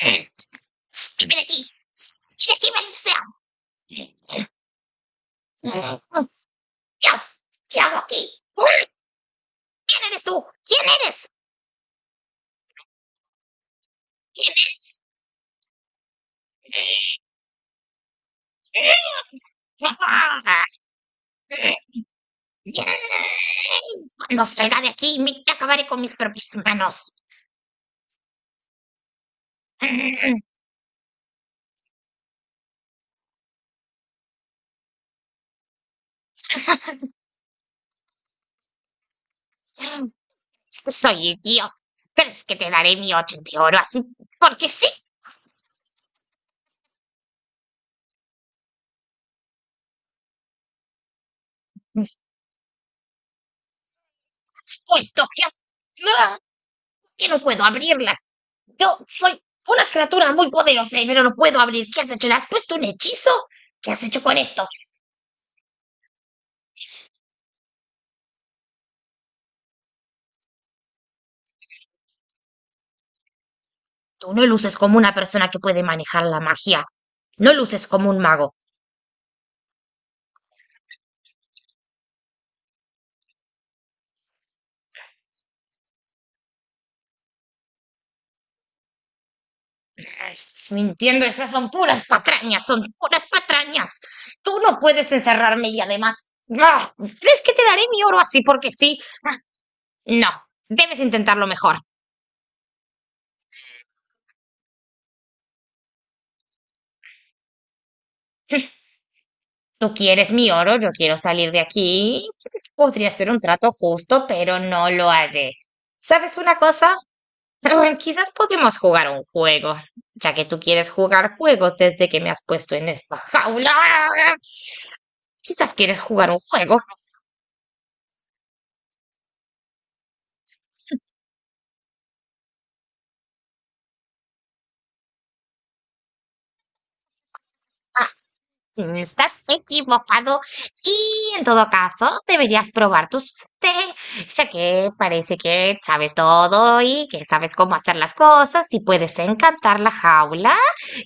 Eh, Ven aquí. Ven aquí, maldita sea. Dios, ¿qué hago aquí? ¿Quién eres tú? ¿Quién eres? ¿Quién eres? Cuando salga de aquí, te acabaré con mis propias manos. Soy idiota, pero es que te daré mi ocho de oro así, porque sí. Has puesto que has... que no puedo abrirlas. Yo soy una criatura muy poderosa, pero no puedo abrir. ¿Qué has hecho? ¿Le has puesto un hechizo? ¿Qué has hecho con esto? Tú no luces como una persona que puede manejar la magia. No luces como un mago. Ah, estás mintiendo, esas son puras patrañas, son puras patrañas. Tú no puedes encerrarme y además... ¿Crees que te daré mi oro así porque sí? Ah, no, debes intentarlo mejor. Tú quieres mi oro, yo quiero salir de aquí. Podría ser un trato justo, pero no lo haré. ¿Sabes una cosa? Quizás podemos jugar un juego, ya que tú quieres jugar juegos desde que me has puesto en esta jaula. Quizás quieres jugar un juego. Si no estás equivocado y en todo caso deberías probar tu suerte, ya que parece que sabes todo y que sabes cómo hacer las cosas y puedes encantar la jaula.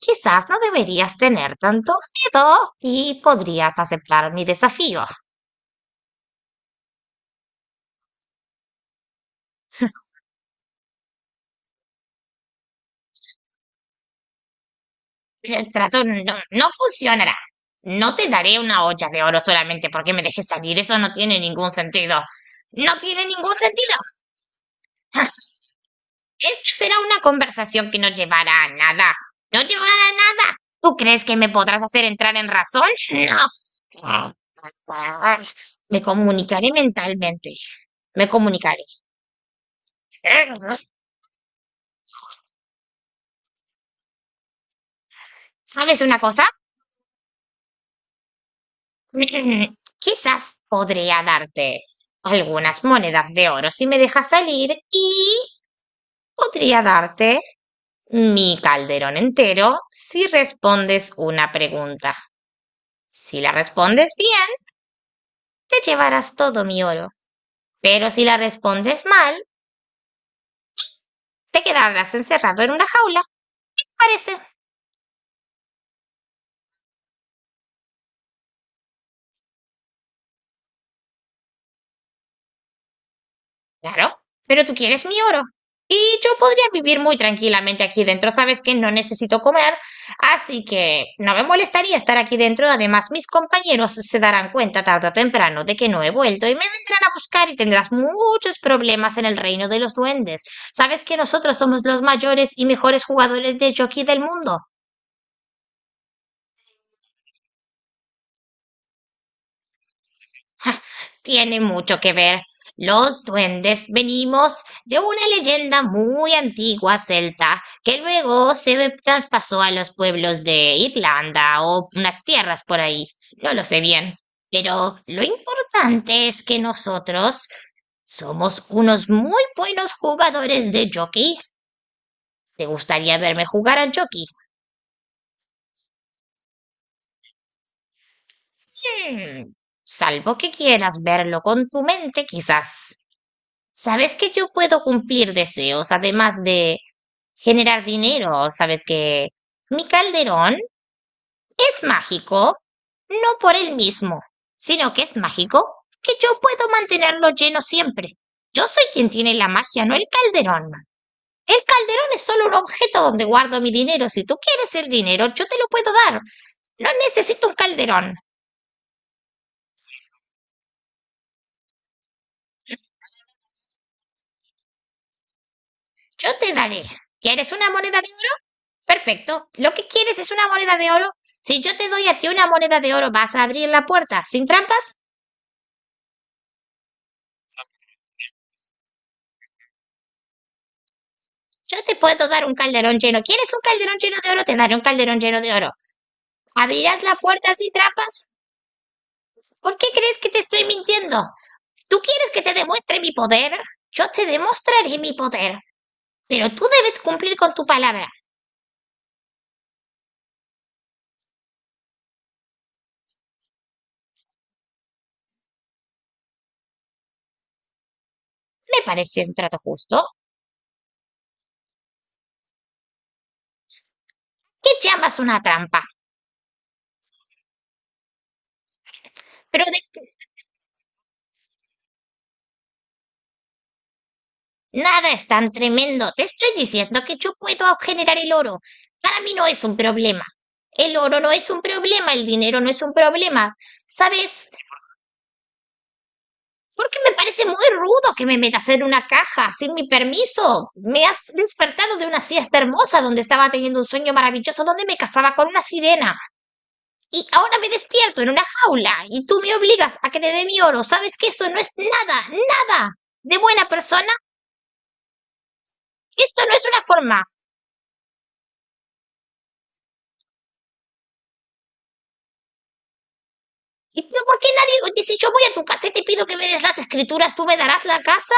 Quizás no deberías tener tanto miedo y podrías aceptar mi desafío. El trato no funcionará. No te daré una olla de oro solamente porque me dejes salir. Eso no tiene ningún sentido. No tiene ningún sentido. Esta será una conversación que no llevará a nada. No llevará a nada. ¿Tú crees que me podrás hacer entrar en razón? No. Me comunicaré mentalmente. Me comunicaré. ¿Sabes una cosa? Quizás podría darte algunas monedas de oro si me dejas salir y podría darte mi calderón entero si respondes una pregunta. Si la respondes bien, te llevarás todo mi oro. Pero si la respondes mal, te quedarás encerrado en una jaula. Parece. Claro, pero tú quieres mi oro. Y yo podría vivir muy tranquilamente aquí dentro. Sabes que no necesito comer, así que no me molestaría estar aquí dentro. Además, mis compañeros se darán cuenta tarde o temprano de que no he vuelto y me vendrán a buscar y tendrás muchos problemas en el reino de los duendes. Sabes que nosotros somos los mayores y mejores jugadores de jockey del mundo. Tiene mucho que ver. Los duendes venimos de una leyenda muy antigua celta que luego se traspasó a los pueblos de Irlanda o unas tierras por ahí. No lo sé bien. Pero lo importante es que nosotros somos unos muy buenos jugadores de jockey. ¿Te gustaría verme jugar al jockey? Hmm, salvo que quieras verlo con tu mente, quizás. Sabes que yo puedo cumplir deseos, además de generar dinero. Sabes que mi calderón es mágico, no por él mismo, sino que es mágico que yo puedo mantenerlo lleno siempre. Yo soy quien tiene la magia, no el calderón. El calderón es solo un objeto donde guardo mi dinero. Si tú quieres el dinero, yo te lo puedo dar. No necesito un calderón. Yo te daré. ¿Quieres una moneda de oro? Perfecto. ¿Lo que quieres es una moneda de oro? Si yo te doy a ti una moneda de oro, ¿vas a abrir la puerta sin trampas? Yo te puedo dar un calderón lleno. ¿Quieres un calderón lleno de oro? Te daré un calderón lleno de oro. ¿Abrirás la puerta sin trampas? ¿Por qué crees que te estoy mintiendo? ¿Tú quieres que te demuestre mi poder? Yo te demostraré mi poder. Pero tú debes cumplir con tu palabra. Me parece un trato justo. ¿Qué llamas una trampa? Pero de nada es tan tremendo. Te estoy diciendo que yo puedo generar el oro. Para mí no es un problema. El oro no es un problema, el dinero no es un problema. ¿Sabes? Porque me parece muy rudo que me metas en una caja sin mi permiso. Me has despertado de una siesta hermosa donde estaba teniendo un sueño maravilloso donde me casaba con una sirena. Y ahora me despierto en una jaula y tú me obligas a que te dé mi oro. ¿Sabes que eso no es nada, nada de buena persona? Esto no es una forma. ¿Y pero por qué nadie dice yo voy a tu casa y te pido que me des las escrituras, tú me darás la casa?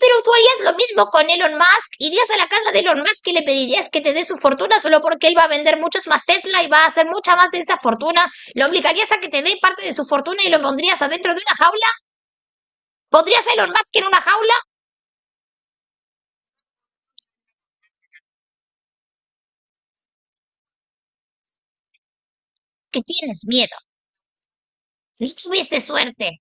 Pero tú harías lo mismo con Elon Musk. Irías a la casa de Elon Musk y le pedirías que te dé su fortuna solo porque él va a vender muchos más Tesla y va a hacer mucha más de esa fortuna. Lo obligarías a que te dé parte de su fortuna y lo pondrías adentro de una jaula. ¿Pondrías a Elon Musk en una jaula? Que tienes miedo. No tuviste suerte.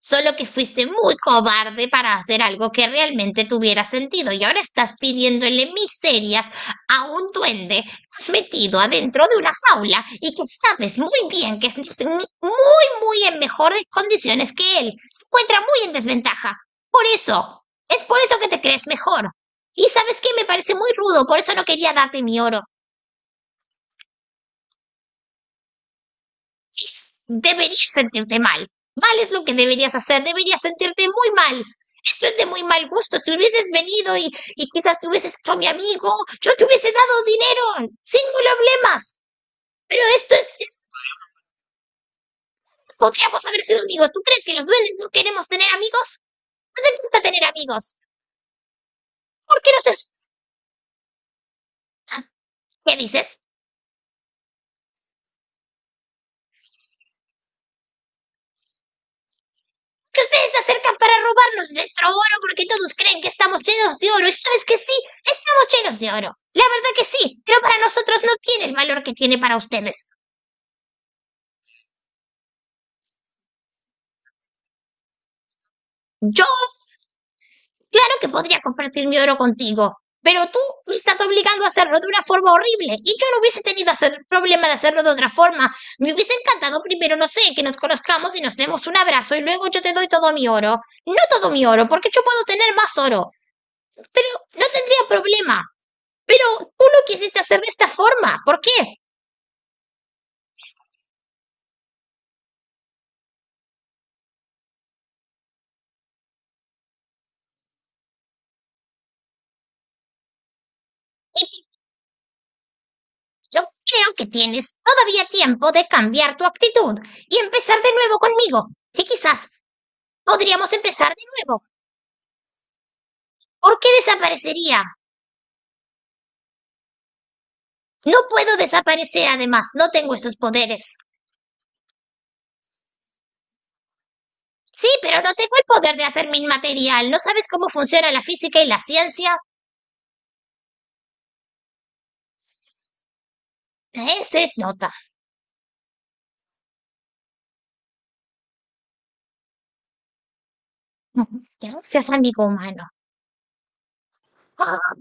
Solo que fuiste muy cobarde para hacer algo que realmente tuviera sentido y ahora estás pidiéndole miserias a un duende que has metido adentro de una jaula y que sabes muy bien que es muy, muy en mejores condiciones que él. Se encuentra muy en desventaja. Por eso, es por eso que te crees mejor. Y sabes qué, me parece muy rudo, por eso no quería darte mi oro. Deberías sentirte mal. Mal es lo que deberías hacer, deberías sentirte muy mal. Esto es de muy mal gusto. Si hubieses venido y quizás te hubieses hecho mi amigo, yo te hubiese dado dinero, sin problemas. Pero esto es. Podríamos haber sido amigos. ¿Tú crees que los duendes no queremos tener amigos? Nos encanta tener amigos. ¿Por qué no se... ¿Qué dices? Que ustedes se acercan para robarnos nuestro oro porque todos creen que estamos llenos de oro. ¿Y sabes que sí? Estamos llenos de oro. La verdad que sí, pero para nosotros no tiene el valor que tiene para ustedes. Yo, claro que podría compartir mi oro contigo, pero tú me estás obligando a hacerlo de una forma horrible y yo no hubiese tenido hacer problema de hacerlo de otra forma. Me hubiese encantado primero, no sé, que nos conozcamos y nos demos un abrazo y luego yo te doy todo mi oro. No todo mi oro, porque yo puedo tener más oro. Pero no tendría problema. Pero tú lo quisiste hacer de esta forma. ¿Por qué? Y yo creo que tienes todavía tiempo de cambiar tu actitud y empezar de nuevo conmigo. Y quizás podríamos empezar de nuevo. ¿Por qué desaparecería? No puedo desaparecer además, no tengo esos poderes. Sí, pero no tengo el poder de hacerme inmaterial. ¿No sabes cómo funciona la física y la ciencia? Se nota. Seas amigo humano. Ah,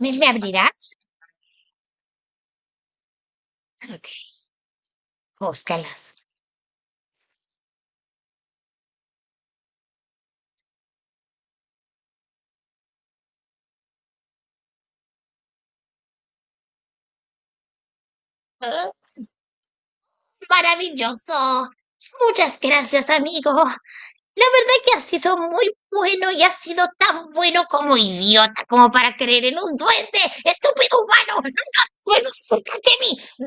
¿me abrirás? Ok, búscalas. Ah, maravilloso. Muchas gracias, amigo. La verdad que ha sido muy bueno y ha sido tan bueno como idiota como para creer en un duende. Estúpido humano. Nunca vuelvas a mí.